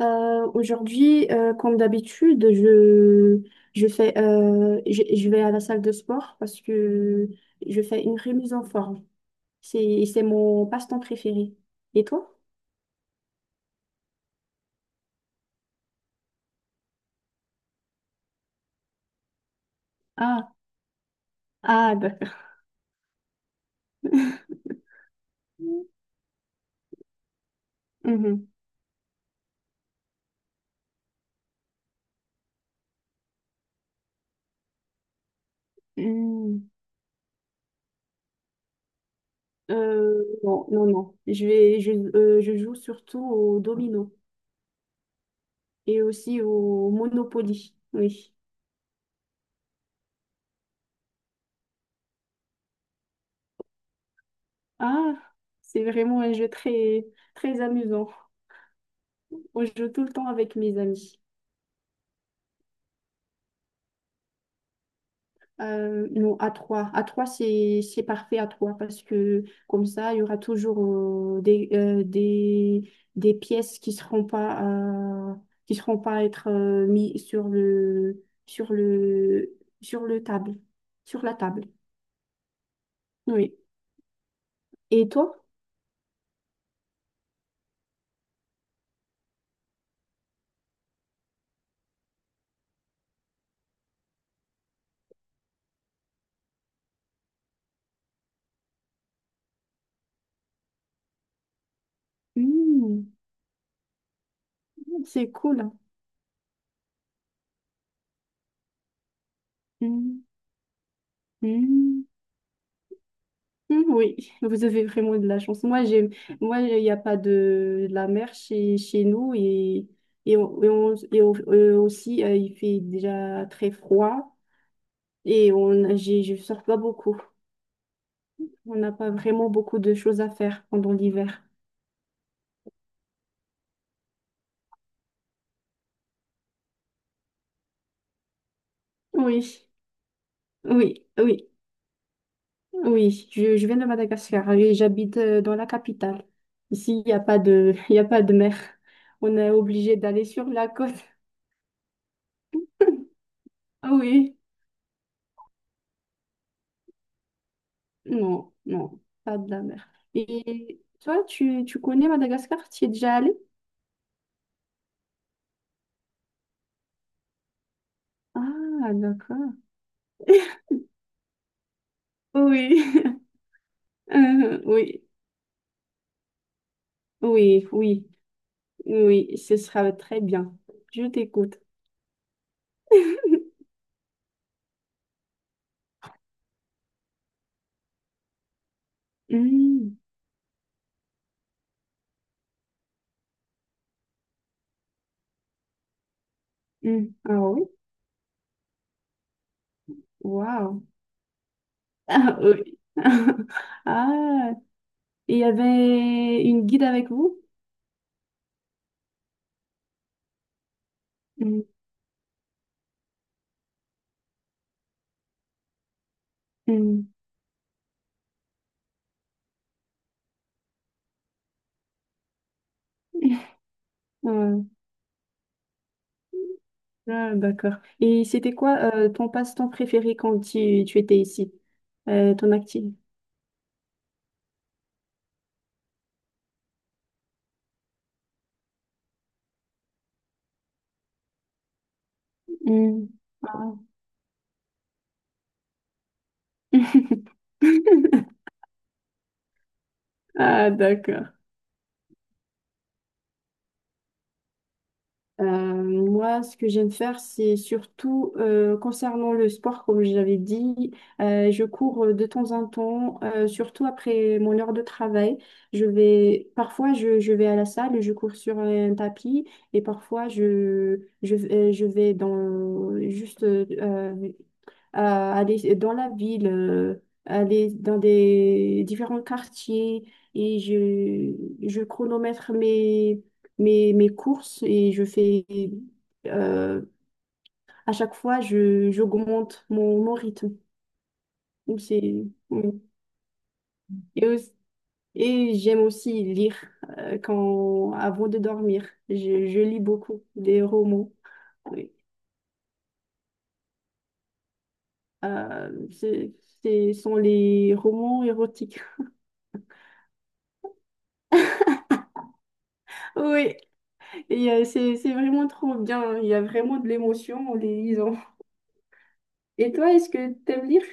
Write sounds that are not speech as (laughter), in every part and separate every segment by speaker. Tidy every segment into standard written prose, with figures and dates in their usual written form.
Speaker 1: Aujourd'hui, comme d'habitude, je fais, je vais à la salle de sport parce que je fais une remise en forme. C'est mon passe-temps préféré. Et toi? Ah, ah, d'accord. (laughs) Mhm. Mm. Non, non, non. Je joue surtout au domino et aussi au Monopoly. Oui. Ah, c'est vraiment un jeu très, très amusant. On joue tout le temps avec mes amis. Non, à trois. À trois, c'est parfait à trois parce que comme ça, il y aura toujours des, des pièces euh, qui seront pas à être mis sur le table sur la table. Oui. Et toi? Hmm, c'est cool. Hmm, hmm. Mm, oui, vous avez vraiment de la chance. Moi, il n'y a pas de, de la mer chez, chez nous et, aussi, il fait déjà très froid et je sors pas beaucoup. On n'a pas vraiment beaucoup de choses à faire pendant l'hiver. Oui, oui, oui, oui. Je viens de Madagascar et j'habite dans la capitale. Ici, il n'y a pas de, (laughs) il y a pas de mer. On est obligé d'aller sur la côte. Ah oui. Non, non, pas de la mer. Et toi, tu connais Madagascar? Tu y es déjà allé? Ah, d'accord. Oui, (laughs) euh, oui, oui, oui, ce sera très bien. Je t'écoute. Hmm, hmm. Ah oui? Waouh. Ah oui. (laughs) Ah, il y avait une guide avec vous? Hmm, hmm. (laughs) Ouais. Ah, d'accord. Et c'était quoi ton passe-temps préféré quand tu étais ici? Ton activité? Hmm. Ah. (laughs) Ah, d'accord. Moi, ce que j'aime faire, c'est surtout concernant le sport, comme je l'avais dit, je cours de temps en temps, surtout après mon heure de travail. Je vais, parfois, je vais à la salle, et je cours sur un tapis, et parfois, je vais dans juste à aller dans la ville, aller dans des différents quartiers et je chronomètre mes courses et je fais euh, à chaque fois j'augmente mon rythme. Donc, c'est, oui. et, aussi- et j'aime aussi lire avant de dormir. Je lis beaucoup des romans. Oui. Euh, c'est- Ce sont les romans érotiques. (laughs) Oui. Et c'est vraiment trop bien. Il y a vraiment de l'émotion en les lisant. (laughs) Et toi, est-ce que t'aimes lire?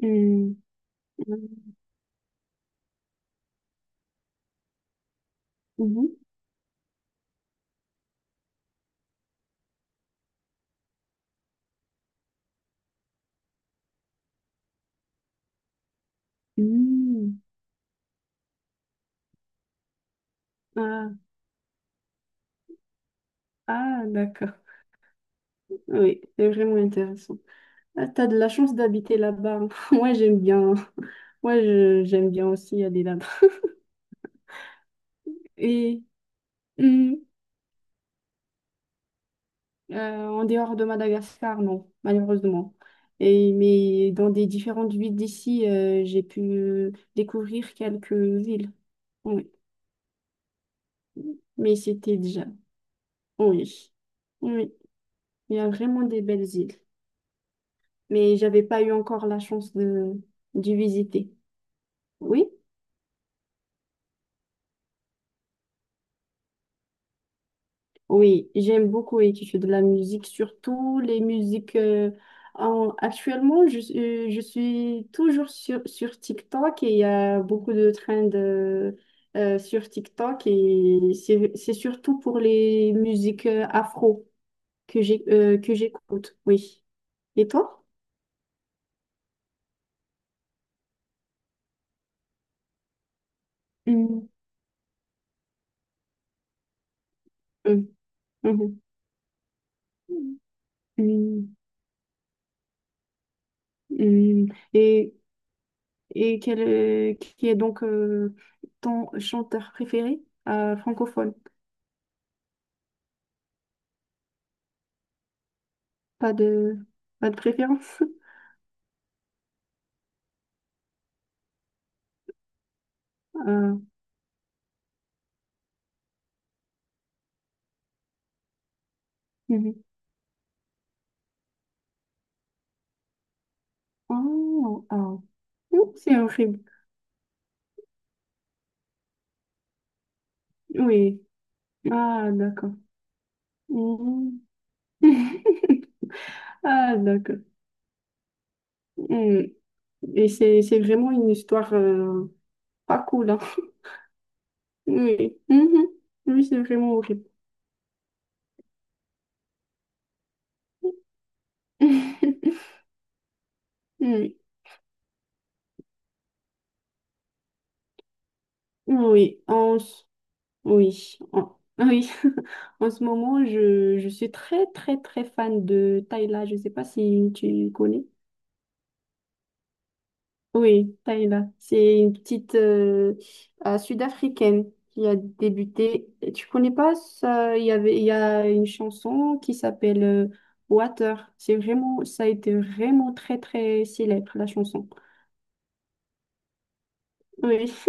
Speaker 1: Hmm. Mhm. Hmm. Ah, ah, d'accord. Oui, c'est vraiment intéressant. Ah, t'as de la chance d'habiter là-bas, hein. (laughs) Moi, j'aime bien, hein. J'aime bien aussi aller là-bas. Et hmm, En dehors de Madagascar, non, malheureusement. Et, mais dans des différentes villes d'ici, j'ai pu découvrir quelques villes. Oui, mais c'était déjà. Oui, oui, oui. Il y a vraiment des belles îles, mais j'avais pas eu encore la chance de, d'y visiter. Oui, oui, j'aime beaucoup écouter de la musique, surtout les musiques. Actuellement, je suis toujours sur, sur TikTok et il y a beaucoup de trends de sur TikTok et c'est surtout pour les musiques afro que j'écoute. Oui. Et toi? Mm. Hum, hum, hum. Hum, et, qui est donc ton chanteur préféré francophone? Pas de, pas de préférence? (laughs) Euh, mhm. Oh, oh. Ouh, c'est horrible. Oui. Ah, d'accord. Mhm. (laughs) Ah, d'accord. Mhm. Et c'est vraiment une histoire pas cool, hein. (laughs) Oui. Mhm. Oui, c'est vraiment horrible. (laughs) Mhm. Oui. Oui. Oui, en, (laughs) oui. En ce moment, je suis très, très, très fan de Tayla. Je ne sais pas si tu connais. Oui, Tayla. C'est une petite sud-africaine qui a débuté. Tu connais pas ça? Il y avait, il y a une chanson qui s'appelle Water. C'est vraiment, ça a été vraiment très, très célèbre, la chanson. Oui, (laughs)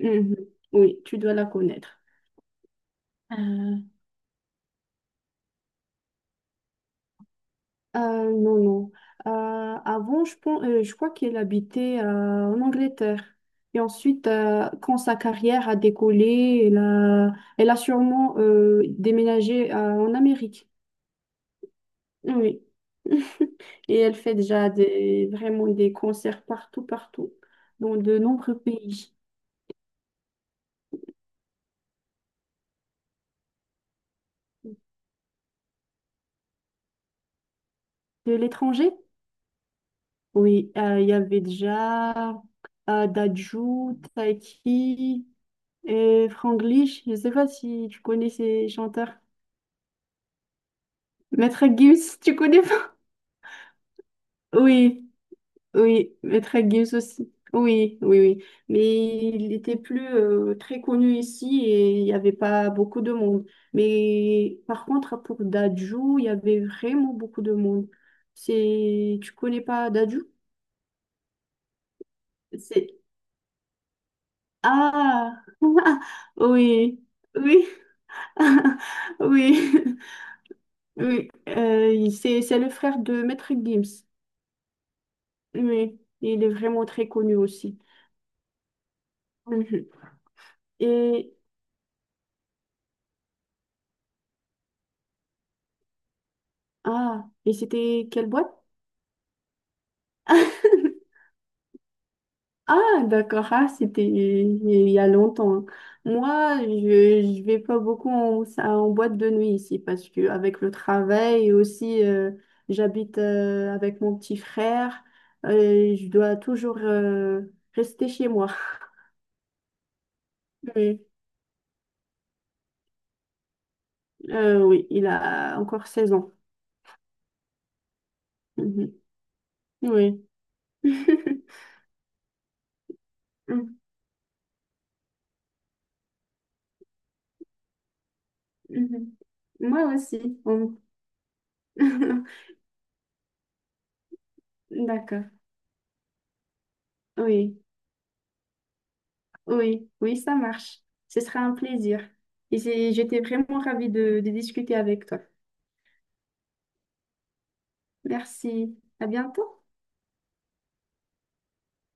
Speaker 1: mhm. Oui, tu dois la connaître. Euh, Euh, non, non. Euh, Avant, je pense, je crois qu'elle habitait en Angleterre. Et ensuite, quand sa carrière a décollé, elle a sûrement déménagé en Amérique. Oui. (laughs) Et elle fait déjà des, vraiment des concerts partout, partout, dans de nombreux pays. De l'étranger? Oui, il y avait déjà Dadju, Taiki et Franglish. Je ne sais pas si tu connais ces chanteurs. Maître Gims, tu connais pas? Oui, oui, Maître Gims aussi. Oui, oui, oui. Mais il était plus très connu ici et il n'y avait pas beaucoup de monde. Mais par contre, pour Dadju, il y avait vraiment beaucoup de monde. C'est... Tu connais pas Dadju? C'est... Ah! (laughs) Oui, oui, (laughs) oui, (laughs) oui. C'est le frère de Maître Gims. Oui, il est vraiment très connu aussi. Mhm. Et, ah, et c'était quelle boîte? (laughs) Ah, d'accord, ah, c'était il y a longtemps. Je vais pas beaucoup en, en boîte de nuit ici parce que avec le travail et aussi, j'habite avec mon petit frère et je dois toujours rester chez moi. (laughs) Oui, oui, il a encore 16 ans. Mhm. Oui. (laughs) Mhm. Moi aussi. (laughs) D'accord. Oui. Oui, oui, ça marche. Ce sera un plaisir. J'étais vraiment ravie de discuter avec toi. Merci. À bientôt.